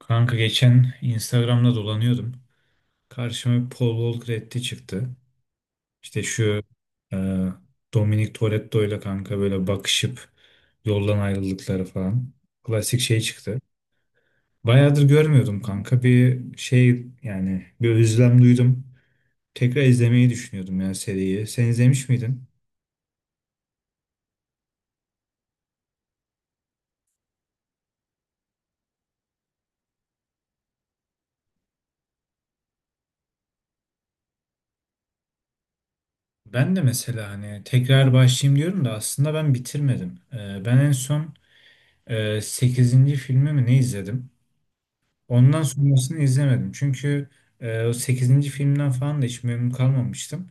Kanka geçen Instagram'da dolanıyordum. Karşıma Paul Walker etti çıktı. İşte şu e, Dominic Toretto ile kanka böyle bakışıp yoldan ayrıldıkları falan. Klasik şey çıktı. Bayağıdır görmüyordum kanka. Bir şey yani bir özlem duydum. Tekrar izlemeyi düşünüyordum ya seriyi. Sen izlemiş miydin? Ben de mesela hani tekrar başlayayım diyorum da aslında ben bitirmedim. Ben en son 8. filmi mi ne izledim? Ondan sonrasını izlemedim. Çünkü o sekizinci filmden falan da hiç memnun kalmamıştım.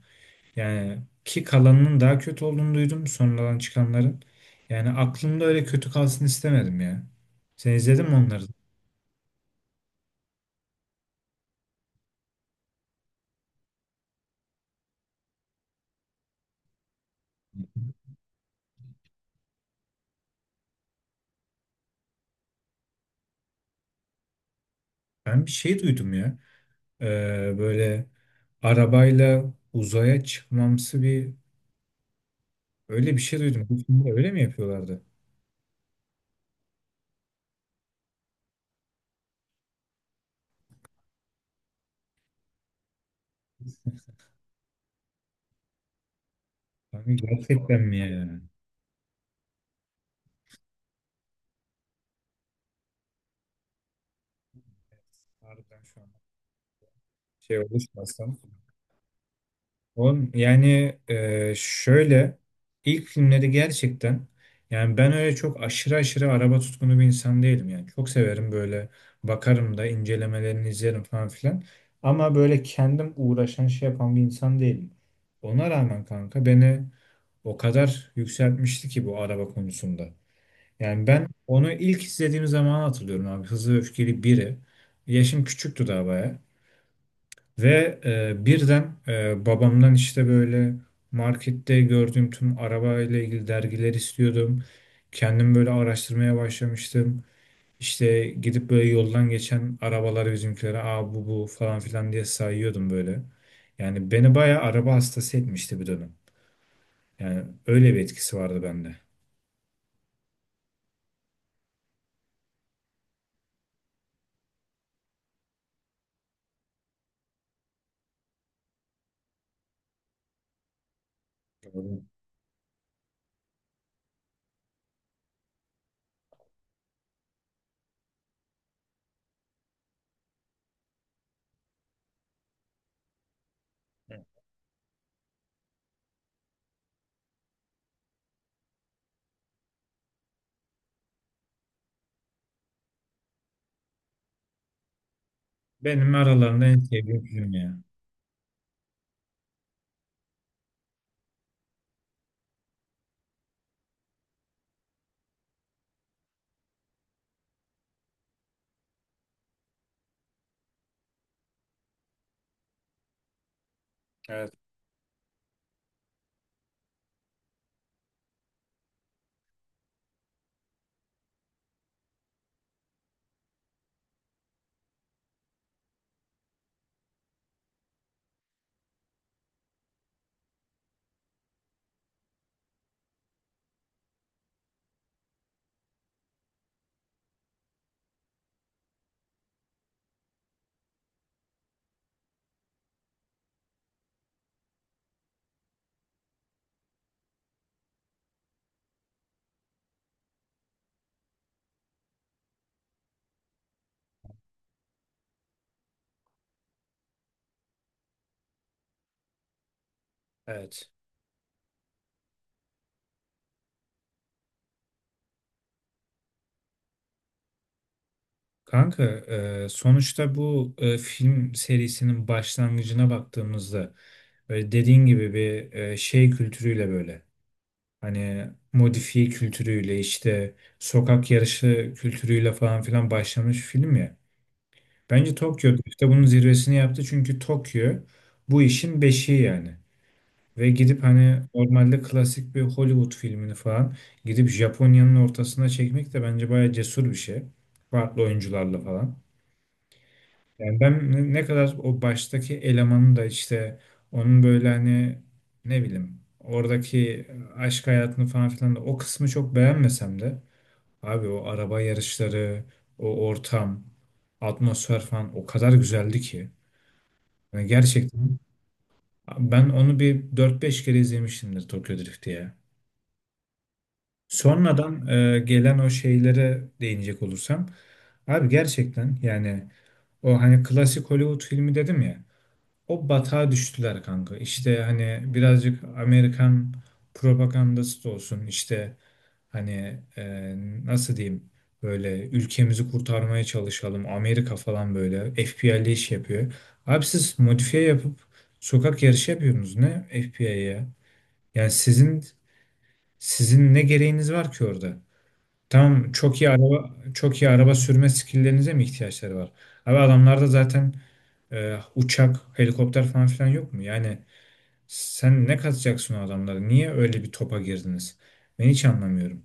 Yani ki kalanının daha kötü olduğunu duydum sonradan çıkanların. Yani aklımda öyle kötü kalsın istemedim ya. Sen izledin mi onları? Ben bir şey duydum ya. E, böyle arabayla uzaya çıkmamsı bir öyle bir şey duydum. Bu filmde öyle mi yapıyorlardı? Yani gerçekten mi yani? Harbiden şu an şey oluşmasam. Oğlum yani şöyle ilk filmleri gerçekten yani ben öyle çok aşırı aşırı araba tutkunu bir insan değilim yani. Çok severim böyle bakarım da incelemelerini izlerim falan filan. Ama böyle kendim uğraşan şey yapan bir insan değilim. Ona rağmen kanka beni o kadar yükseltmişti ki bu araba konusunda. Yani ben onu ilk izlediğim zaman hatırlıyorum abi. Hızlı ve Öfkeli biri. Yaşım küçüktü daha baya. Ve birden babamdan işte böyle markette gördüğüm tüm araba ile ilgili dergiler istiyordum. Kendim böyle araştırmaya başlamıştım. İşte gidip böyle yoldan geçen arabaları bizimkilere aa bu bu falan filan diye sayıyordum böyle. Yani beni bayağı araba hastası etmişti bir dönem. Yani öyle bir etkisi vardı bende. Anladım. Benim aralarında en sevdiğim film ya. Evet. Evet. Kanka, sonuçta bu film serisinin başlangıcına baktığımızda böyle dediğin gibi bir şey kültürüyle böyle hani modifiye kültürüyle işte sokak yarışı kültürüyle falan filan başlamış film ya. Bence Tokyo işte bunun zirvesini yaptı çünkü Tokyo bu işin beşiği yani. Ve gidip hani normalde klasik bir Hollywood filmini falan gidip Japonya'nın ortasına çekmek de bence bayağı cesur bir şey. Farklı oyuncularla falan. Yani ben ne kadar o baştaki elemanın da işte onun böyle hani ne bileyim oradaki aşk hayatını falan filan da o kısmı çok beğenmesem de abi o araba yarışları, o ortam, atmosfer falan o kadar güzeldi ki. Yani gerçekten ben onu bir dört beş kere izlemişimdir Tokyo Drift diye. Sonradan gelen o şeylere değinecek olursam abi gerçekten yani o hani klasik Hollywood filmi dedim ya. O batağa düştüler kanka. İşte hani birazcık Amerikan propagandası da olsun. İşte hani nasıl diyeyim böyle ülkemizi kurtarmaya çalışalım. Amerika falan böyle FBI'li iş yapıyor. Abi siz modifiye yapıp sokak yarışı yapıyorsunuz ne FBI'ye? Yani sizin ne gereğiniz var ki orada? Tamam çok iyi araba çok iyi araba sürme skilllerinize mi ihtiyaçları var? Abi adamlarda zaten uçak, helikopter falan filan yok mu? Yani sen ne katacaksın o adamlara? Niye öyle bir topa girdiniz? Ben hiç anlamıyorum.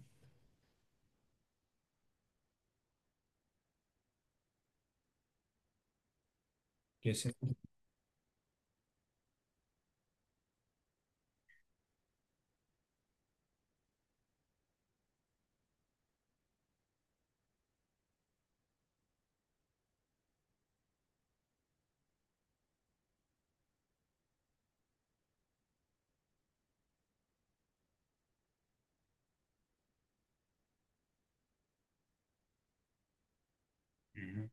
Kesin. Hı hı.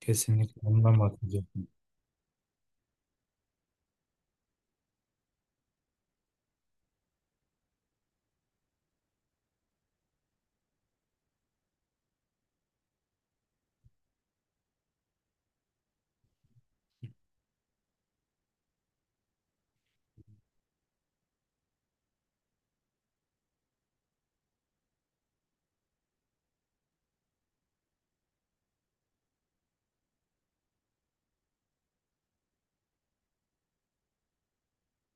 Kesinlikle ondan bahsedecektim.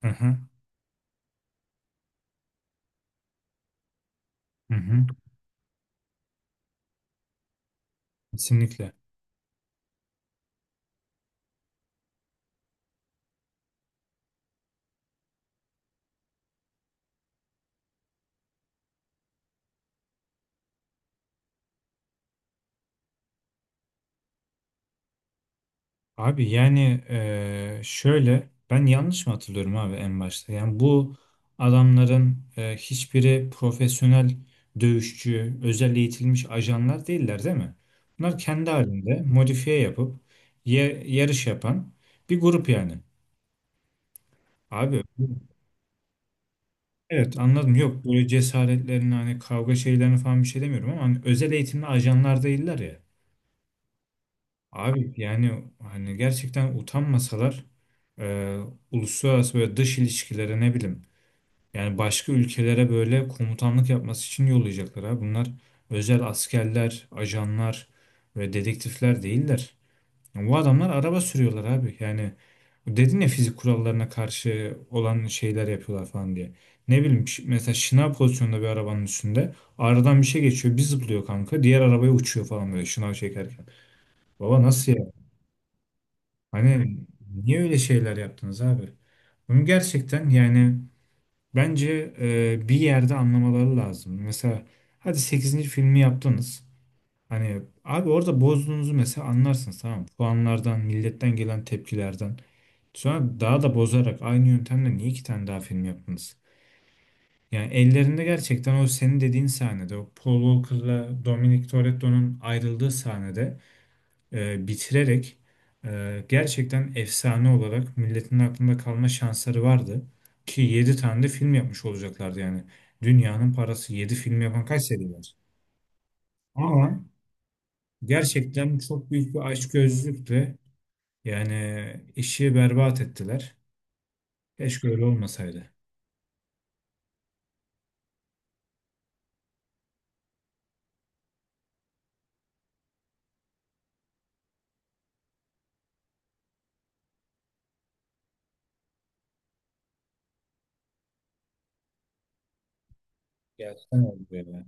Hı hı. Hı hı. Kesinlikle. Abi yani şöyle ben yanlış mı hatırlıyorum abi en başta? Yani bu adamların hiçbiri profesyonel dövüşçü, özel eğitilmiş ajanlar değiller değil mi? Bunlar kendi halinde modifiye yapıp yarış yapan bir grup yani. Abi. Evet, anladım. Yok böyle cesaretlerini hani kavga şeylerini falan bir şey demiyorum ama hani özel eğitimli ajanlar değiller ya. Abi yani hani gerçekten utanmasalar e, uluslararası böyle dış ilişkilere ne bileyim yani başka ülkelere böyle komutanlık yapması için yollayacaklar ha. Bunlar özel askerler, ajanlar ve dedektifler değiller. Bu adamlar araba sürüyorlar abi. Yani dedin ya fizik kurallarına karşı olan şeyler yapıyorlar falan diye. Ne bileyim mesela şınav pozisyonunda bir arabanın üstünde aradan bir şey geçiyor bir zıplıyor kanka diğer arabaya uçuyor falan böyle şınav çekerken. Baba nasıl ya? Hani niye öyle şeyler yaptınız abi? Bunu gerçekten yani bence bir yerde anlamaları lazım. Mesela hadi sekizinci filmi yaptınız. Hani abi orada bozduğunuzu mesela anlarsınız tamam mı? Puanlardan, milletten gelen tepkilerden. Sonra daha da bozarak aynı yöntemle niye iki tane daha film yaptınız? Yani ellerinde gerçekten o senin dediğin sahnede, o Paul Walker'la Dominic Toretto'nun ayrıldığı sahnede bitirerek gerçekten efsane olarak milletin aklında kalma şansları vardı. Ki 7 tane de film yapmış olacaklardı yani. Dünyanın parası 7 film yapan kaç seri var? Ama gerçekten çok büyük bir açgözlülükle yani işi berbat ettiler. Keşke öyle olmasaydı. Gerçekten oldu ya.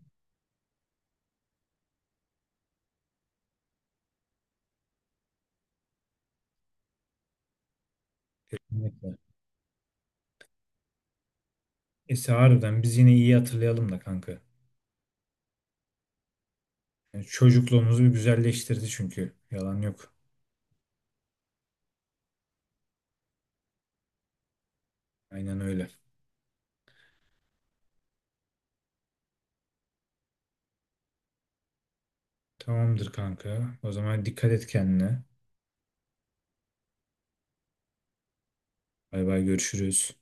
Kesinlikle. Neyse harbiden biz yine iyi hatırlayalım da kanka. Yani çocukluğumuzu bir güzelleştirdi çünkü. Yalan yok. Aynen öyle. Tamamdır kanka. O zaman dikkat et kendine. Bay bay görüşürüz.